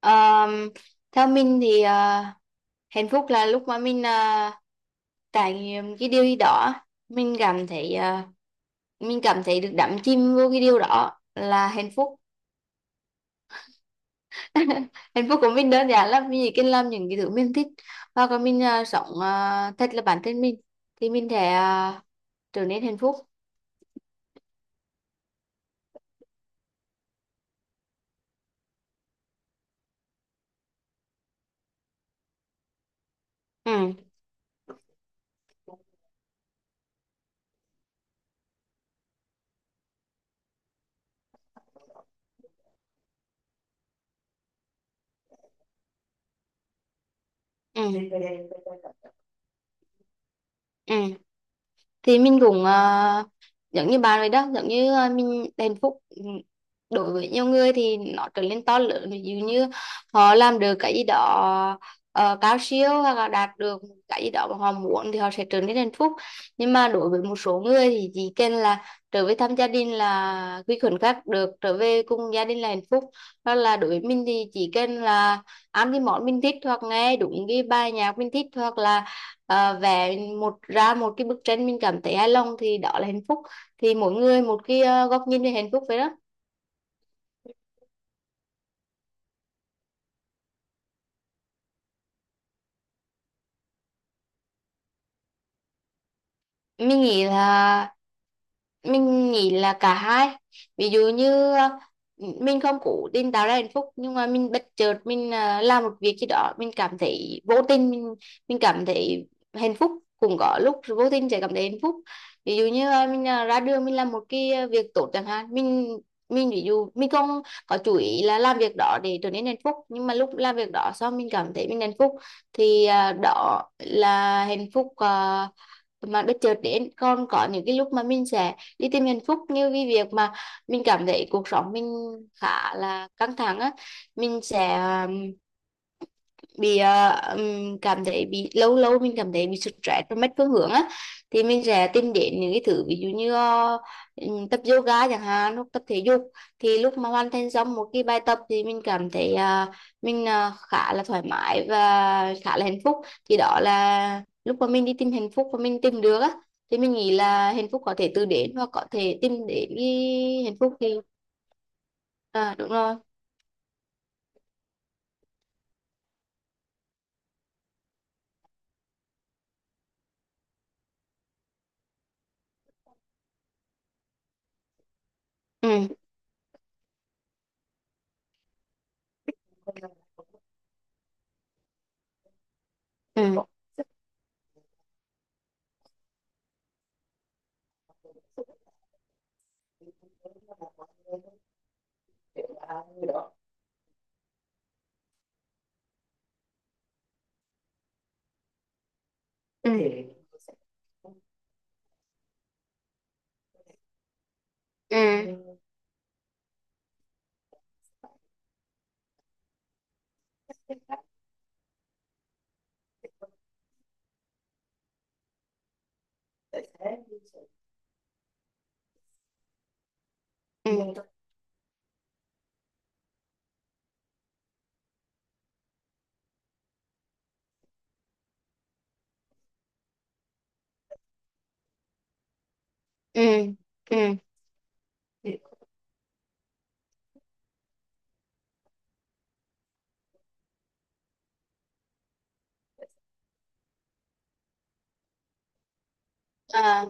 Ờm, Theo mình thì hạnh phúc là lúc mà mình trải nghiệm cái điều gì đó, mình cảm thấy ờ, mình cảm thấy được đắm chìm vô cái điều đó là hạnh phúc. Hạnh phúc của mình đơn giản lắm, mình chỉ cần làm những cái thứ mình thích hoặc là mình sống thật là bản thân mình thì mình sẽ trở nên hạnh phúc. Ừ, ừ, ừ. Thì mình cũng giống như bà rồi đó, giống như mình hạnh phúc. Ừ, đối với nhiều người thì nó trở nên to lớn, ví dụ như họ làm được cái gì đó cao siêu hoặc là đạt được cái gì đó mà họ muốn thì họ sẽ trở nên hạnh phúc. Nhưng mà đối với một số người thì chỉ cần là trở về thăm gia đình, là quy khẩn khác được trở về cùng gia đình là hạnh phúc. Hoặc là đối với mình thì chỉ cần là ăn cái món mình thích hoặc nghe đúng cái bài nhạc mình thích hoặc là vẽ một ra một cái bức tranh mình cảm thấy hài lòng thì đó là hạnh phúc. Thì mỗi người một cái góc nhìn về hạnh phúc vậy đó. Mình nghĩ là mình nghĩ là cả hai. Ví dụ như mình không cố tình tạo ra hạnh phúc nhưng mà mình bất chợt mình làm một việc gì đó, mình cảm thấy vô tình mình cảm thấy hạnh phúc. Cũng có lúc vô tình sẽ cảm thấy hạnh phúc. Ví dụ như mình ra đường mình làm một cái việc tốt chẳng hạn, mình ví dụ mình không có chú ý là làm việc đó để trở nên hạnh phúc, nhưng mà lúc làm việc đó xong mình cảm thấy mình hạnh phúc. Thì đó là hạnh phúc mà bất chợt đến. Còn có những cái lúc mà mình sẽ đi tìm hạnh phúc, như cái việc mà mình cảm thấy cuộc sống mình khá là căng thẳng á, mình sẽ bị cảm thấy bị, lâu lâu mình cảm thấy bị sụt stress và mất phương hướng á. Thì mình sẽ tìm đến những cái thứ, ví dụ như tập yoga chẳng hạn hoặc tập thể dục. Thì lúc mà hoàn thành xong một cái bài tập thì mình cảm thấy mình khá là thoải mái và khá là hạnh phúc. Thì đó là lúc mà mình đi tìm hạnh phúc và mình tìm được á. Thì mình nghĩ là hạnh phúc có thể từ đến hoặc có thể tìm đến cái hạnh phúc thì. À, đúng rồi. Ừ, ừ, ừ, ừ, ừ. Ừ, ừ. À,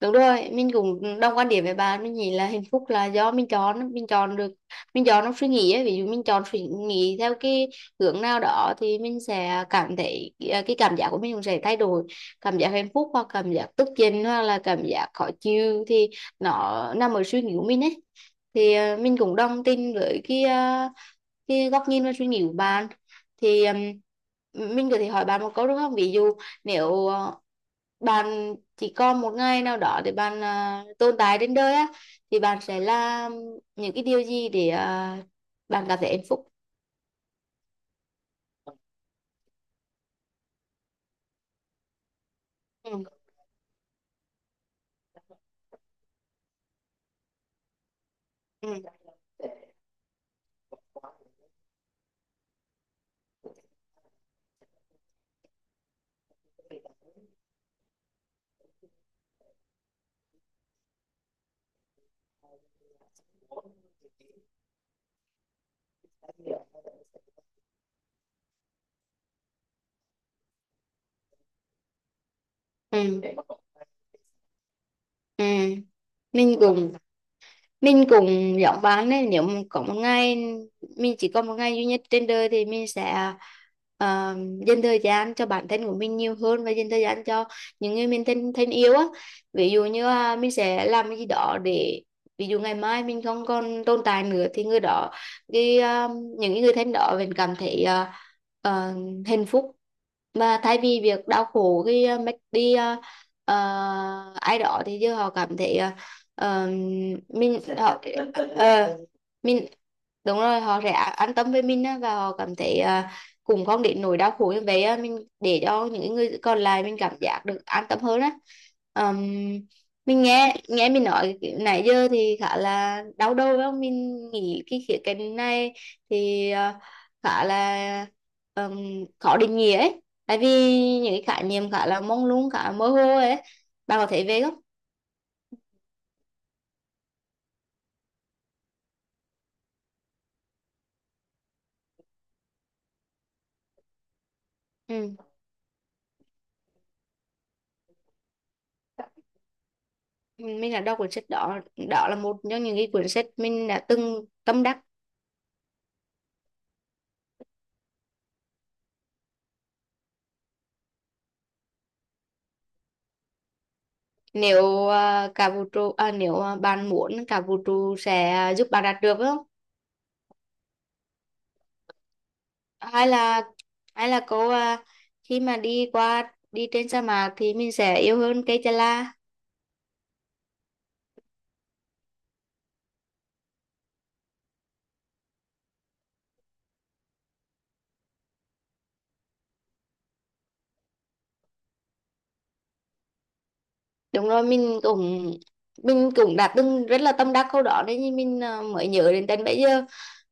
đúng rồi, mình cũng đồng quan điểm với bạn. Mình nghĩ là hạnh phúc là do mình chọn, mình chọn được, mình chọn trong suy nghĩ ấy. Ví dụ mình chọn suy nghĩ theo cái hướng nào đó thì mình sẽ cảm thấy, cái cảm giác của mình cũng sẽ thay đổi. Cảm giác hạnh phúc hoặc cảm giác tức giận hoặc là cảm giác khó chịu thì nó nằm ở suy nghĩ của mình ấy. Thì mình cũng đồng tình với cái góc nhìn và suy nghĩ của bạn. Thì mình có thể hỏi bạn một câu đúng không, ví dụ nếu bạn chỉ còn một ngày nào đó để bạn tồn tại trên đời á, thì bạn sẽ làm những cái điều gì để bạn cảm thấy hạnh phúc? Ừ. Ừ. Ừ. Ừ. Mình cũng mình cũng giống bạn đấy. Nếu mà có một ngày, mình chỉ có một ngày duy nhất trên đời thì mình sẽ ờ, dành thời gian cho bản thân của mình nhiều hơn và dành thời gian cho những người mình thân thân yêu á. Ví dụ như mình sẽ làm cái gì đó để, ví dụ ngày mai mình không còn tồn tại nữa, thì người đó, cái những cái người thân đó mình cảm thấy ờ, hạnh phúc. Mà thay vì việc đau khổ khi mất đi ờ, ai đó thì giờ họ cảm thấy Ờ, mình họ, ờ, mình, đúng rồi, họ sẽ an tâm với mình á, và họ cảm thấy cũng không đến nỗi đau khổ như vậy á. Mình để cho những người còn lại mình cảm giác được an tâm hơn á. Ờm, mình nghe nghe mình nói nãy giờ thì khá là đau đầu phải không? Mình nghĩ cái khía cạnh này thì khá là khó định nghĩa ấy, tại vì những cái khái niệm khá là mông lung, khá là mơ hồ ấy. Bạn có thấy về không? Ừ. Mình là đọc cuốn sách đó. Đó là một trong những cái cuốn sách mình đã từng tâm đắc. Nếu cả vũ trụ, nếu bạn muốn, cả vũ trụ sẽ giúp bạn đạt được phải không? Hay là, hay là khi mà đi qua đi trên sa mạc thì mình sẽ yêu hơn cây chà la. Đúng rồi, mình cũng đã từng rất là tâm đắc câu đó đấy, nhưng mình mới nhớ đến đến bây giờ.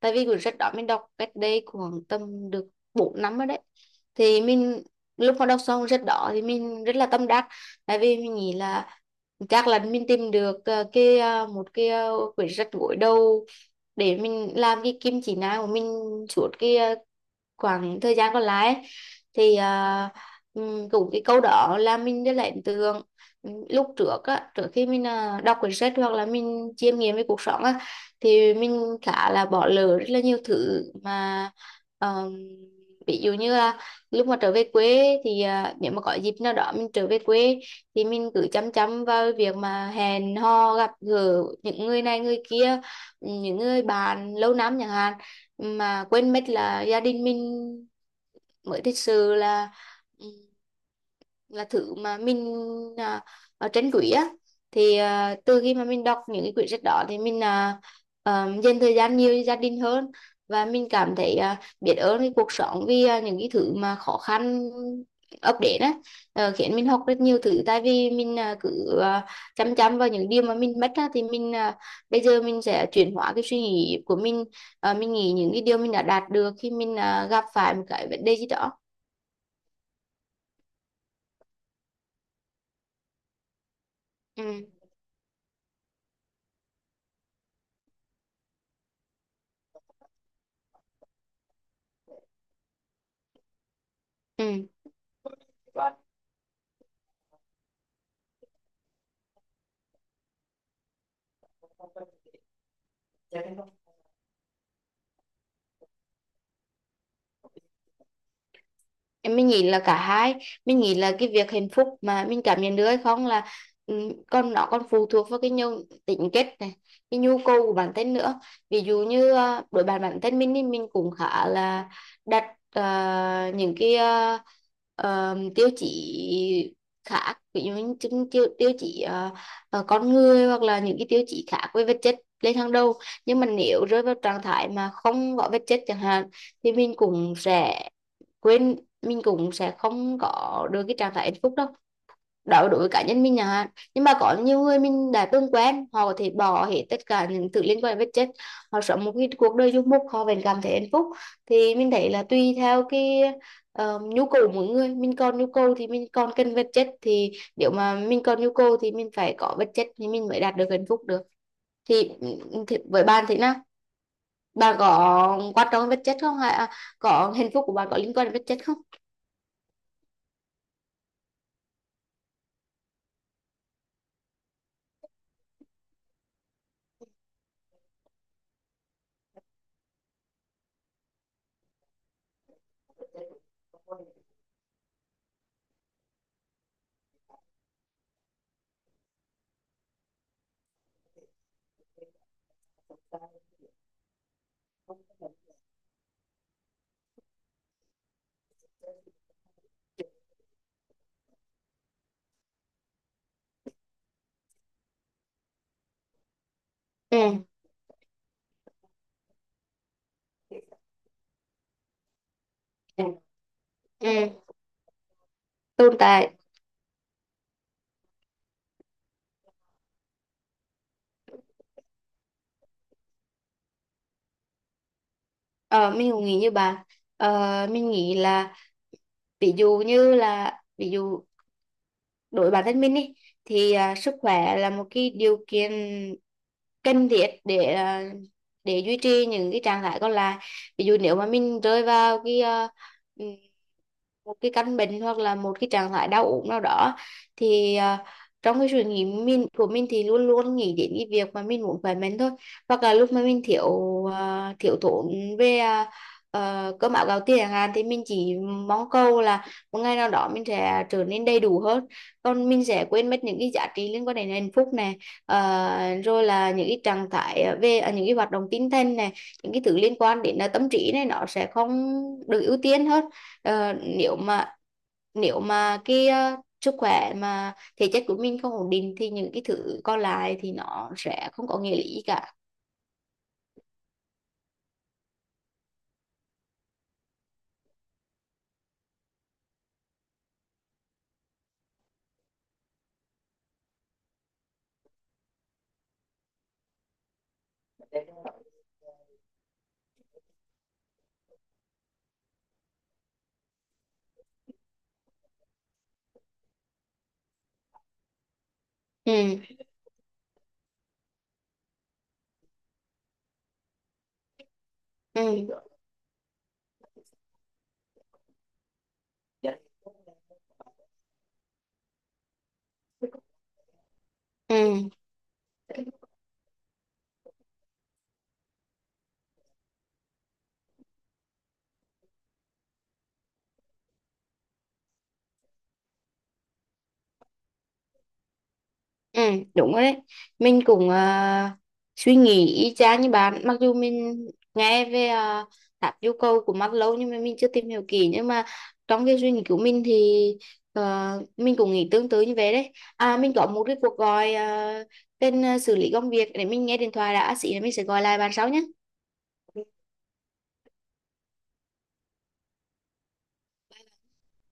Tại vì cuốn sách đó mình đọc cách đây khoảng tầm được 4 năm rồi đấy. Thì mình, lúc mà đọc xong cuốn sách đó thì mình rất là tâm đắc. Tại vì mình nghĩ là chắc là mình tìm được cái, một cái, quyển sách gối đầu để mình làm cái kim chỉ nam của mình suốt cái khoảng thời gian còn lại ấy. Thì cũng cái câu đó là mình rất là ấn tượng. Lúc trước á, trước khi mình đọc quyển sách hoặc là mình chiêm nghiệm về cuộc sống á, thì mình khá là bỏ lỡ rất là nhiều thứ mà, ờm, ví dụ như là lúc mà trở về quê thì nếu mà có dịp nào đó mình trở về quê thì mình cứ chăm chăm vào việc mà hẹn hò gặp gỡ những người này người kia, ừ, những người bạn lâu năm chẳng hạn, mà quên mất là gia đình mình mới thật sự là, ừ, là thứ mà mình à, ở trên quỹ á. Thì từ khi mà mình đọc những cái quyển sách đó thì mình, dành thời gian nhiều cho gia đình hơn, và mình cảm thấy biết ơn cái cuộc sống vì những cái thứ mà khó khăn ập đến á, khiến mình học rất nhiều thứ, tại vì mình cứ chăm chăm vào những điều mà mình mất á, thì mình, bây giờ mình sẽ chuyển hóa cái suy nghĩ của mình. Mình nghĩ những cái điều mình đã đạt được khi mình gặp phải một cái vấn đề gì đó. Ừ. Ừ. Mình nghĩ là cả hai. Mình nghĩ là cái việc hạnh phúc mà mình cảm nhận được hay không là, ừ, còn nó còn phụ thuộc vào cái nhu tính kết này, cái nhu cầu của bản thân nữa. Ví dụ như đối bản bản thân mình thì mình cũng khá là đặt những cái tiêu chí khác, ví dụ như tiêu tiêu chí con người, hoặc là những cái tiêu chí khác với vật chất lên hàng đầu. Nhưng mà nếu rơi vào trạng thái mà không có vật chất chẳng hạn thì mình cũng sẽ quên, mình cũng sẽ không có được cái trạng thái hạnh phúc đâu. Đó là đối với cá nhân mình à, nhưng mà có nhiều người mình đã từng quen, họ có thể bỏ hết tất cả những thứ liên quan đến vật chất, họ sống một cái cuộc đời du mục, họ vẫn cảm thấy hạnh phúc. Thì mình thấy là tùy theo cái nhu cầu của mỗi người. Mình còn nhu cầu thì mình còn cần vật chất, thì nếu mà mình còn nhu cầu thì mình phải có vật chất thì mình mới đạt được hạnh phúc được. Thì, ừ, thì với bạn thế nào? Bạn có quan trọng đến vật chất không, hay có hạnh phúc của bạn có liên quan đến vật chất không? Ừ, ừ, tồn tại. Ờ, mình cũng nghĩ như bạn. Mình nghĩ là, ví dụ như là, ví dụ đối với bản thân mình ý, thì sức khỏe là một cái điều kiện cần thiết để duy trì những cái trạng thái còn lại. Ví dụ nếu mà mình rơi vào cái ừ, một cái căn bệnh hoặc là một cái trạng thái đau ốm nào đó, thì trong cái suy nghĩ mình của mình thì luôn luôn nghĩ đến cái việc mà mình muốn khỏe mạnh thôi. Hoặc là lúc mà mình thiếu thốn về cơm áo gạo tiền chẳng hạn thì mình chỉ mong cầu là một ngày nào đó mình sẽ trở nên đầy đủ hơn. Còn mình sẽ quên mất những cái giá trị liên quan đến hạnh phúc này, rồi là những cái trạng thái về những cái hoạt động tinh thần này, những cái thứ liên quan đến là tâm trí này, nó sẽ không được ưu tiên hết. Ờ, nếu mà nếu mà cái sức khỏe mà thể chất của mình không ổn định thì những cái thứ còn lại thì nó sẽ không có nghĩa lý gì cả. Ừ. Ừ. Ừ. Ừ, đúng rồi đấy. Mình cũng suy nghĩ y chang như bạn. Mặc dù mình nghe về uh, tháp yêu cầu của Maslow nhưng mà mình chưa tìm hiểu kỹ. Nhưng mà trong cái suy nghĩ của mình thì ờ, mình cũng nghĩ tương tự như vậy đấy. À, mình có một cái cuộc gọi tên xử lý công việc, để mình nghe điện thoại đã. À, Xí là mình sẽ gọi lại bạn sau nhé.